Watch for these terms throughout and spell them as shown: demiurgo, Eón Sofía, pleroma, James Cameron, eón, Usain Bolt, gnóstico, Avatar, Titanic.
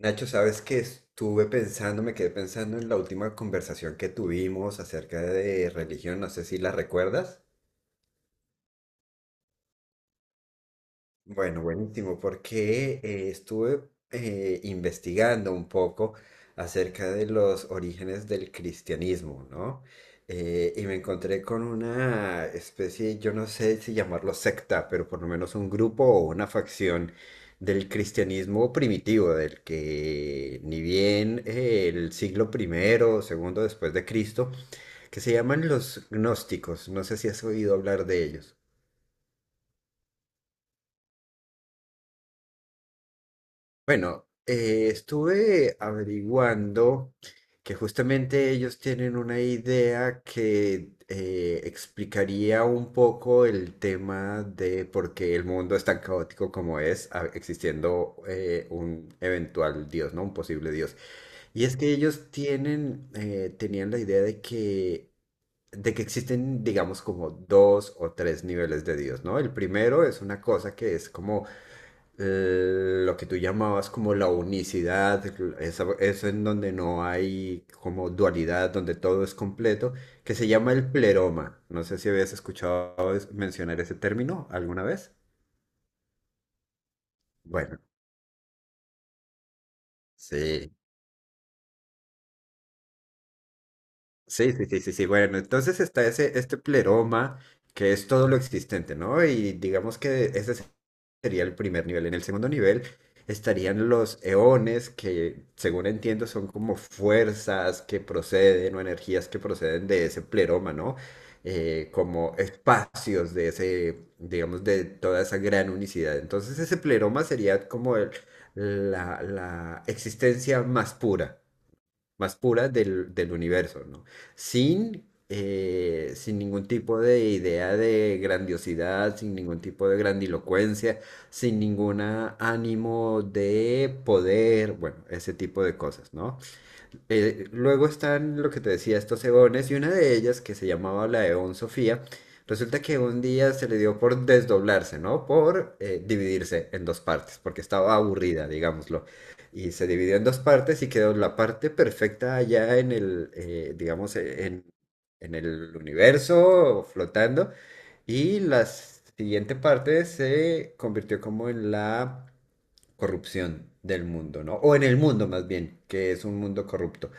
Nacho, sabes que estuve pensando, me quedé pensando en la última conversación que tuvimos acerca de religión, no sé si la recuerdas. Bueno, buenísimo, porque estuve investigando un poco acerca de los orígenes del cristianismo, ¿no? Y me encontré con una especie, yo no sé si llamarlo secta, pero por lo menos un grupo o una facción del cristianismo primitivo, del que ni bien el siglo primero o segundo después de Cristo, que se llaman los gnósticos. No sé si has oído hablar de ellos. Bueno, estuve averiguando que justamente ellos tienen una idea que explicaría un poco el tema de por qué el mundo es tan caótico como es, existiendo un eventual Dios, ¿no? Un posible Dios. Y es que ellos tienen, tenían la idea de que existen, digamos, como dos o tres niveles de Dios, ¿no? El primero es una cosa que es como lo que tú llamabas como la unicidad, eso en donde no hay como dualidad, donde todo es completo, que se llama el pleroma. No sé si habías escuchado mencionar ese término alguna vez. Bueno, sí. Sí, sí, sí, sí, sí. Bueno, entonces está ese, este pleroma, que es todo lo existente, ¿no? Y digamos que ese sería el primer nivel. En el segundo nivel estarían los eones, que según entiendo son como fuerzas que proceden o energías que proceden de ese pleroma, ¿no? Como espacios de ese, digamos, de toda esa gran unicidad. Entonces ese pleroma sería como la, la existencia más pura más puras del universo, ¿no? Sin, sin ningún tipo de idea de grandiosidad, sin ningún tipo de grandilocuencia, sin ningún ánimo de poder, bueno, ese tipo de cosas, ¿no? Luego están lo que te decía, estos eones, y una de ellas, que se llamaba la Eón Sofía, resulta que un día se le dio por desdoblarse, ¿no? Por dividirse en dos partes, porque estaba aburrida, digámoslo. Y se dividió en dos partes y quedó la parte perfecta allá en el, digamos, en el universo, flotando, y la siguiente parte se convirtió como en la corrupción del mundo, ¿no? O en el mundo más bien, que es un mundo corrupto.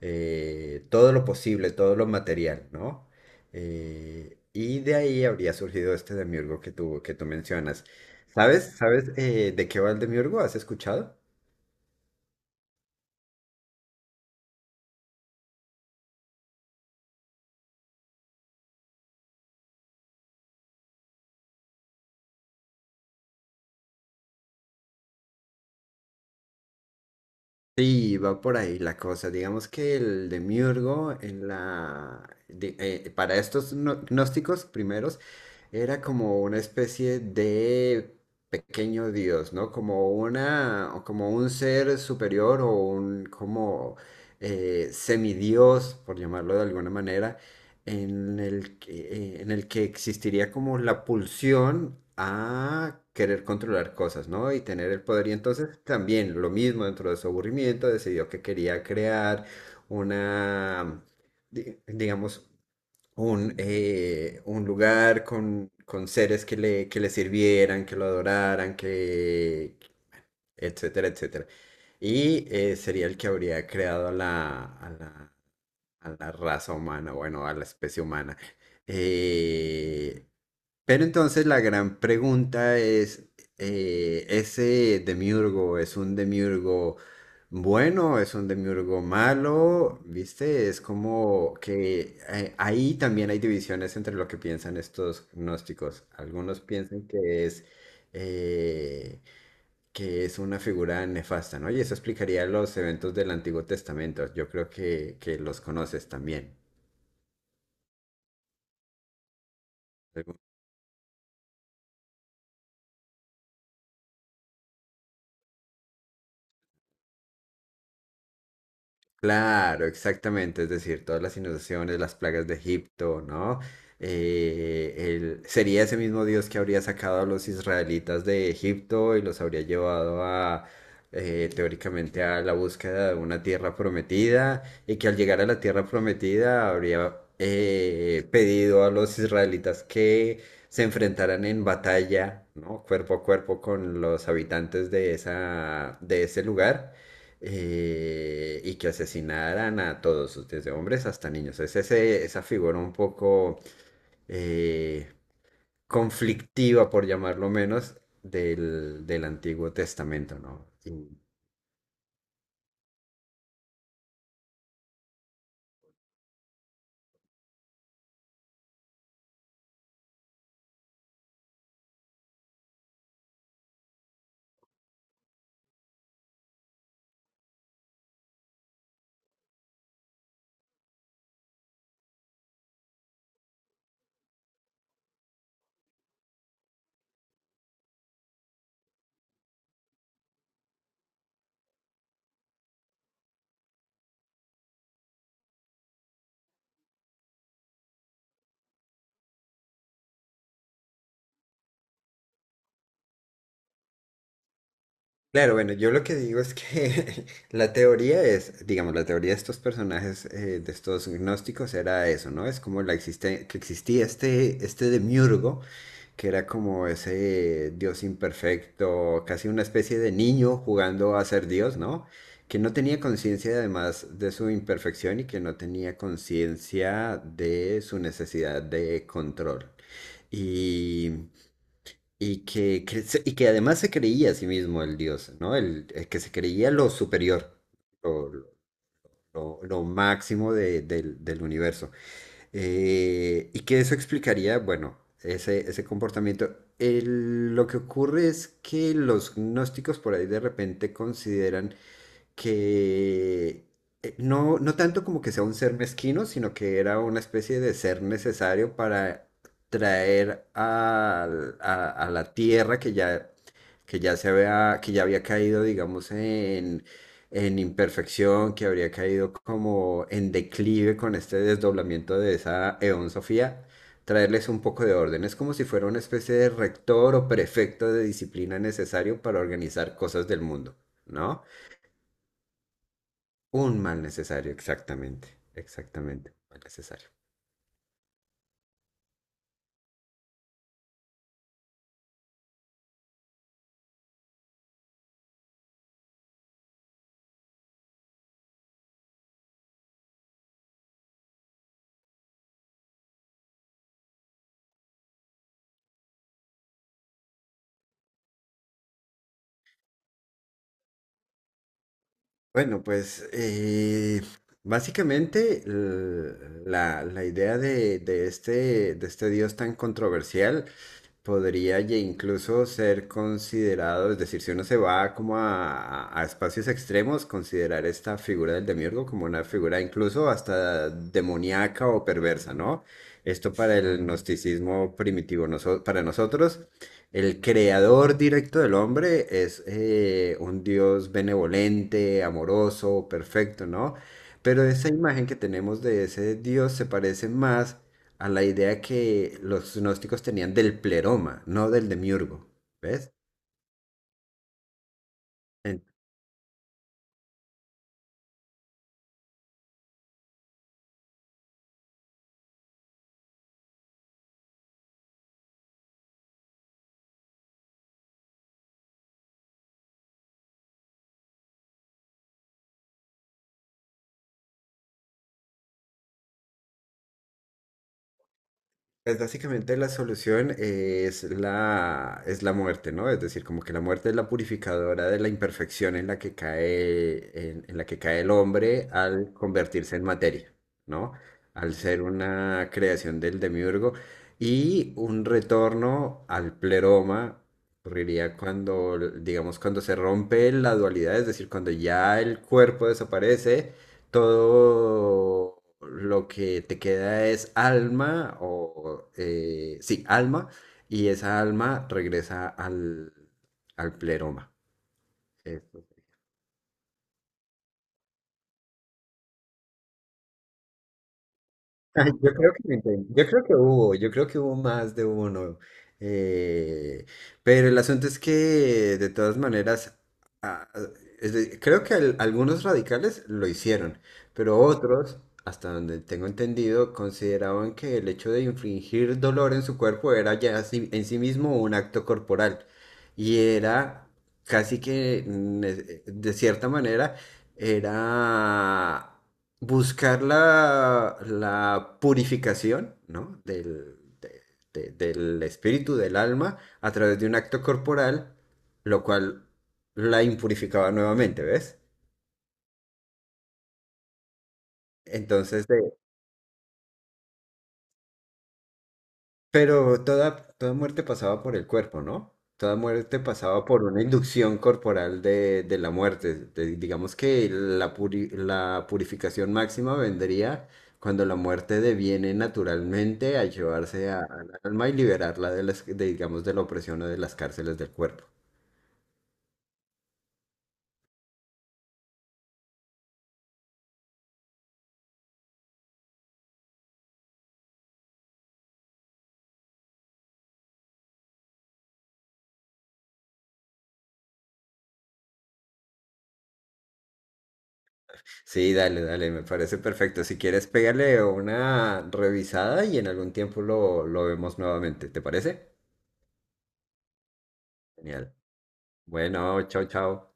Todo lo posible, todo lo material, ¿no? Y de ahí habría surgido este demiurgo que tú mencionas. ¿Sabes? ¿Sabes de qué va el demiurgo? ¿Has escuchado? Sí, va por ahí la cosa. Digamos que el demiurgo en para estos gnósticos primeros era como una especie de pequeño dios, ¿no? Como una, o como un ser superior o un como semidios, por llamarlo de alguna manera en el que existiría como la pulsión a querer controlar cosas, ¿no? Y tener el poder. Y entonces también lo mismo dentro de su aburrimiento, decidió que quería crear una, digamos, un lugar con seres que le sirvieran, que lo adoraran, que etcétera, etcétera. Y sería el que habría creado a la, a la raza humana, bueno, a la especie humana. Eh, pero entonces la gran pregunta es, ¿ese demiurgo es un demiurgo bueno, es un demiurgo malo? ¿Viste? Es como que ahí también hay divisiones entre lo que piensan estos gnósticos. Algunos piensan eh, que es una figura nefasta, ¿no? Y eso explicaría los eventos del Antiguo Testamento. Yo creo que los conoces también. Claro, exactamente, es decir, todas las inundaciones, las plagas de Egipto, ¿no? Sería ese mismo Dios que habría sacado a los israelitas de Egipto y los habría llevado a, teóricamente, a la búsqueda de una tierra prometida y que al llegar a la tierra prometida habría pedido a los israelitas que se enfrentaran en batalla, ¿no? Cuerpo a cuerpo con los habitantes de esa, de ese lugar y que asesinaran a todos, desde hombres hasta niños. Es esa figura un poco eh, conflictiva, por llamarlo menos, del, del Antiguo Testamento, ¿no? Y, claro, bueno, yo lo que digo es que la teoría es, digamos, la teoría de estos personajes, de estos gnósticos, era eso, ¿no? Es como que existía este, este demiurgo que era como ese Dios imperfecto, casi una especie de niño jugando a ser Dios, ¿no? Que no tenía conciencia además de su imperfección y que no tenía conciencia de su necesidad de control. Y, y que además se creía a sí mismo el Dios, ¿no? El que se creía lo superior, lo, lo máximo del del universo. Y que eso explicaría, bueno, ese comportamiento. Lo que ocurre es que los gnósticos por ahí de repente consideran que no, no tanto como que sea un ser mezquino, sino que era una especie de ser necesario para traer a la tierra que ya se había, que ya había caído, digamos, en imperfección, que habría caído como en declive con este desdoblamiento de esa Eón Sofía, traerles un poco de orden. Es como si fuera una especie de rector o prefecto de disciplina necesario para organizar cosas del mundo, ¿no? Un mal necesario, exactamente, exactamente, un mal necesario. Bueno, pues básicamente la, la idea de este dios tan controversial podría incluso ser considerado, es decir, si uno se va como a, a espacios extremos, considerar esta figura del demiurgo como una figura incluso hasta demoníaca o perversa, ¿no? Esto para el gnosticismo primitivo, para nosotros, el creador directo del hombre es un dios benevolente, amoroso, perfecto, ¿no? Pero esa imagen que tenemos de ese dios se parece más a la idea que los gnósticos tenían del pleroma, no del demiurgo, ¿ves? En- Pues básicamente la solución es la muerte, ¿no? Es decir, como que la muerte es la purificadora de la imperfección en la que cae, en la que cae el hombre al convertirse en materia, ¿no? Al ser una creación del demiurgo y un retorno al pleroma ocurriría cuando, digamos, cuando se rompe la dualidad, es decir, cuando ya el cuerpo desaparece todo lo que te queda es alma o sí, alma, y esa alma regresa al, al pleroma. Eso. Ay. Yo creo que yo creo que hubo, yo creo que hubo más de uno. eh, pero el asunto es que de todas maneras, ah, creo que algunos radicales lo hicieron, pero otros, hasta donde tengo entendido, consideraban que el hecho de infligir dolor en su cuerpo era ya en sí mismo un acto corporal y era casi que de cierta manera era buscar la, la purificación, ¿no? Del, del espíritu, del alma, a través de un acto corporal, lo cual la impurificaba nuevamente, ¿ves? Entonces, pero toda, toda muerte pasaba por el cuerpo, ¿no? Toda muerte pasaba por una inducción corporal de la muerte. Digamos que la, la purificación máxima vendría cuando la muerte deviene naturalmente a llevarse al alma y liberarla de las, de, digamos, de la opresión o de las cárceles del cuerpo. Sí, dale, dale, me parece perfecto. Si quieres, pégale una revisada y en algún tiempo lo vemos nuevamente. ¿Te parece? Genial. Bueno, chao, chao.